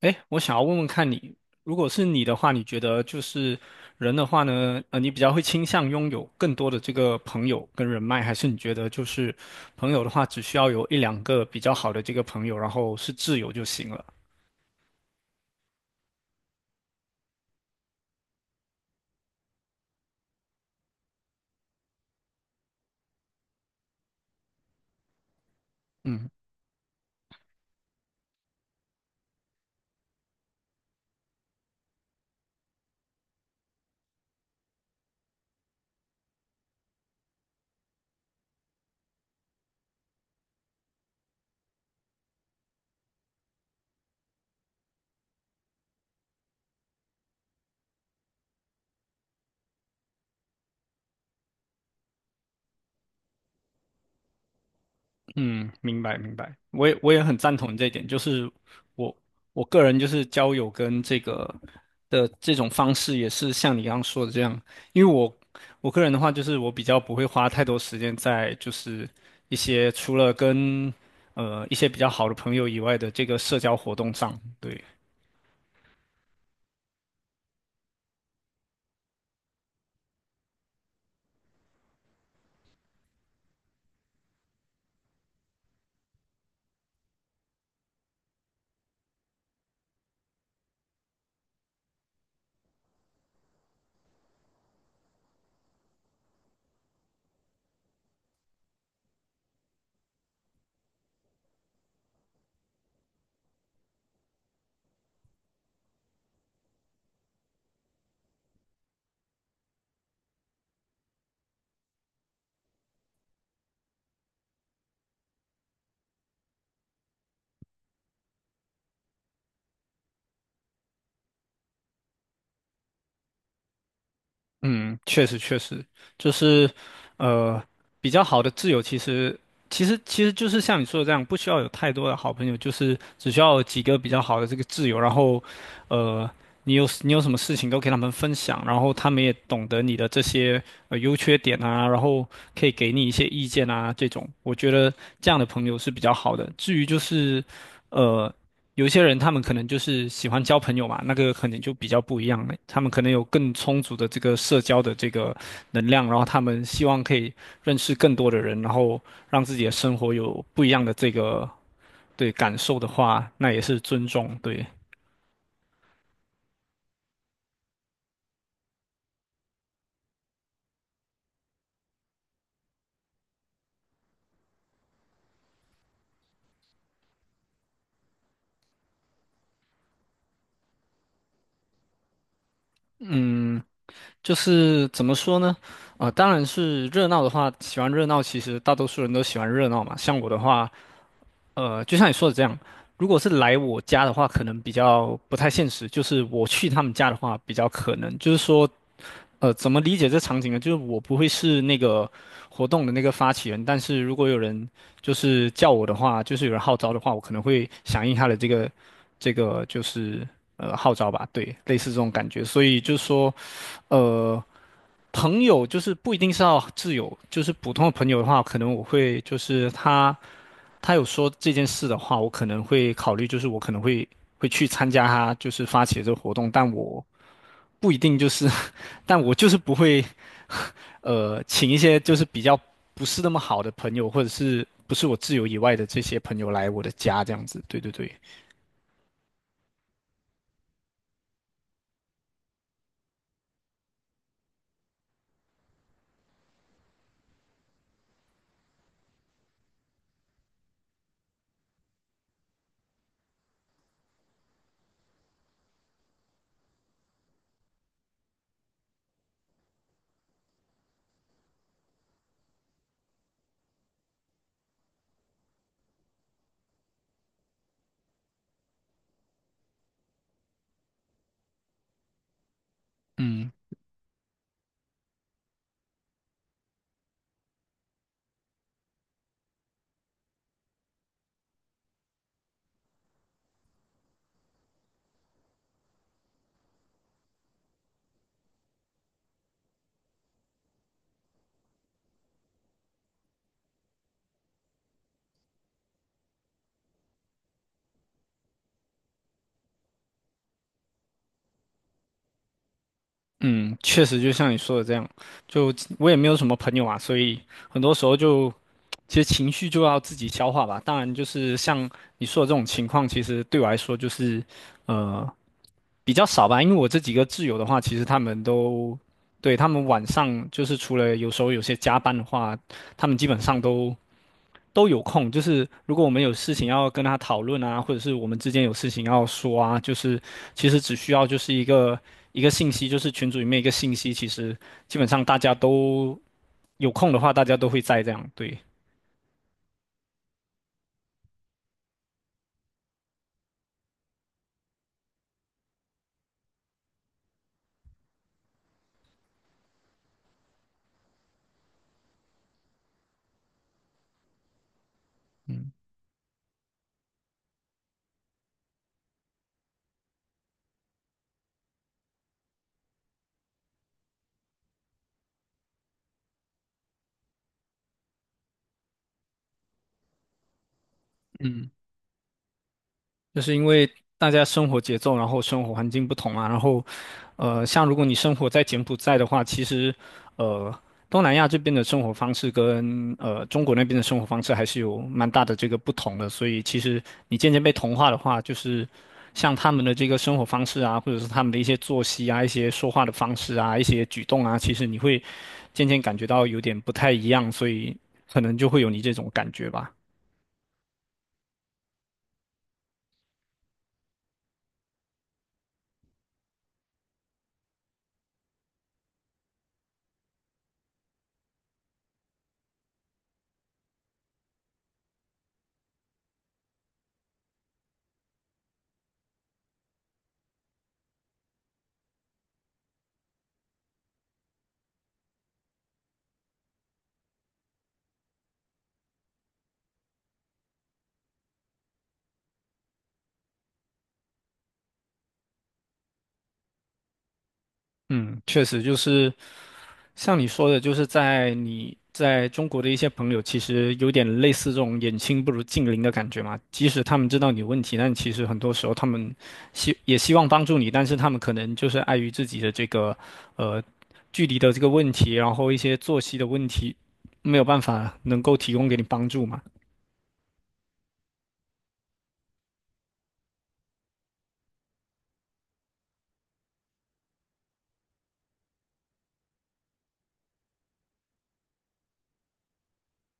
哎，我想要问问看你，如果是你的话，你觉得就是人的话呢，你比较会倾向拥有更多的这个朋友跟人脉，还是你觉得就是朋友的话，只需要有一两个比较好的这个朋友，然后是挚友就行了？嗯。嗯，明白明白，我也很赞同这一点，就是我我个人就是交友跟这个的这种方式也是像你刚刚说的这样，因为我个人的话就是我比较不会花太多时间在就是一些除了跟一些比较好的朋友以外的这个社交活动上，对。嗯，确实确实，就是呃，比较好的挚友其实就是像你说的这样，不需要有太多的好朋友，就是只需要有几个比较好的这个挚友，然后呃，你有什么事情都给他们分享，然后他们也懂得你的这些优缺点啊，然后可以给你一些意见啊，这种我觉得这样的朋友是比较好的。至于就是。呃。有些人他们可能就是喜欢交朋友嘛，那个可能就比较不一样了。他们可能有更充足的这个社交的这个能量，然后他们希望可以认识更多的人，然后让自己的生活有不一样的这个对感受的话，那也是尊重。对，嗯，就是怎么说呢？啊、当然是热闹的话，喜欢热闹，其实大多数人都喜欢热闹嘛。像我的话。就像你说的这样，如果是来我家的话，可能比较不太现实；就是我去他们家的话，比较可能。就是说，怎么理解这场景呢？就是我不会是那个活动的那个发起人，但是如果有人就是叫我的话，就是有人号召的话，我可能会响应他的这个这个就是号召吧，对，类似这种感觉。所以就是说，呃。朋友就是不一定是要挚友，就是普通的朋友的话，可能我会就是他有说这件事的话，我可能会考虑，就是我可能会去参加他就是发起的这个活动，但我不一定就是，但我就是不会请一些就是比较不是那么好的朋友，或者是不是我挚友以外的这些朋友来我的家这样子。对对对，嗯嗯，确实就像你说的这样，就我也没有什么朋友啊，所以很多时候就其实情绪就要自己消化吧。当然，就是像你说的这种情况，其实对我来说就是，呃，比较少吧。因为我这几个挚友的话，其实他们都，对，他们晚上就是除了有时候有些加班的话，他们基本上都有空。就是如果我们有事情要跟他讨论啊，或者是我们之间有事情要说啊，就是其实只需要就是一个信息，就是群组里面一个信息，其实基本上大家都有空的话，大家都会在这样，对。就是因为大家生活节奏，然后生活环境不同嘛，然后，像如果你生活在柬埔寨的话，其实，呃，东南亚这边的生活方式跟中国那边的生活方式还是有蛮大的这个不同的，所以其实你渐渐被同化的话，就是像他们的这个生活方式啊，或者是他们的一些作息啊、一些说话的方式啊、一些举动啊，其实你会渐渐感觉到有点不太一样，所以可能就会有你这种感觉吧。嗯，确实就是。像你说的，就是在你在中国的一些朋友，其实有点类似这种远亲不如近邻的感觉嘛。即使他们知道你有问题，但其实很多时候他们希也希望帮助你，但是他们可能就是碍于自己的这个呃距离的这个问题，然后一些作息的问题，没有办法能够提供给你帮助嘛。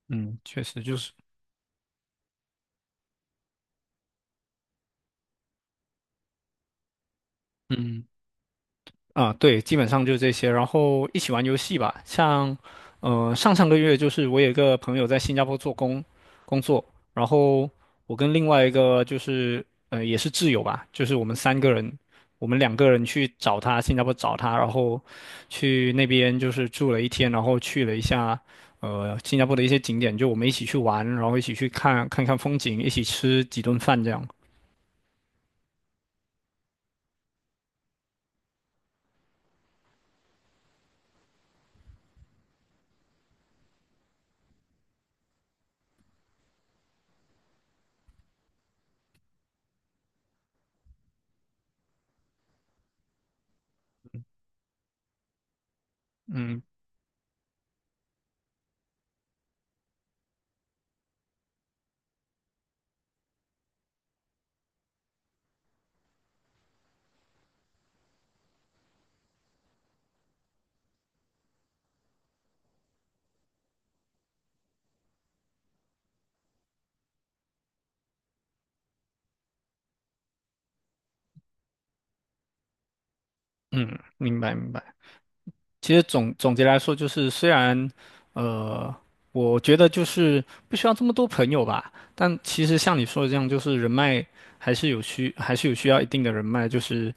嗯，确实就是，嗯。啊，对，基本上就这些，然后一起玩游戏吧。像，上上个月就是我有一个朋友在新加坡工作，然后我跟另外一个就是也是挚友吧，就是我们三个人，我们两个人去找他，新加坡找他，然后去那边就是住了一天，然后去了一下新加坡的一些景点，就我们一起去玩，然后一起去看看风景，一起吃几顿饭这样。嗯嗯，明白明白。其实总结来说，就是虽然，呃，我觉得就是不需要这么多朋友吧，但其实像你说的这样，就是人脉还是有需要一定的人脉，就是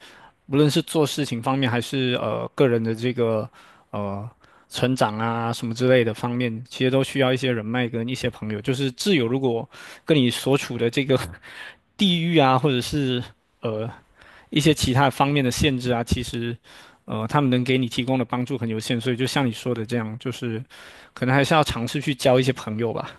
无论是做事情方面，还是个人的这个呃成长啊什么之类的方面，其实都需要一些人脉跟一些朋友。就是挚友如果跟你所处的这个 地域啊，或者是呃一些其他方面的限制啊，其实，他们能给你提供的帮助很有限，所以就像你说的这样，就是可能还是要尝试去交一些朋友吧。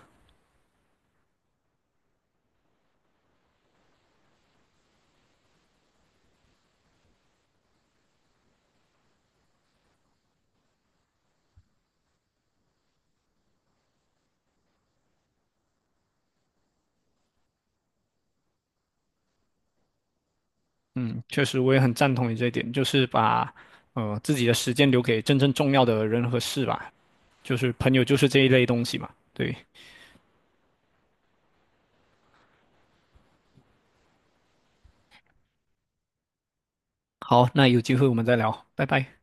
嗯，确实，我也很赞同你这一点，就是把自己的时间留给真正重要的人和事吧，就是朋友就是这一类东西嘛。对，好，那有机会我们再聊，拜拜。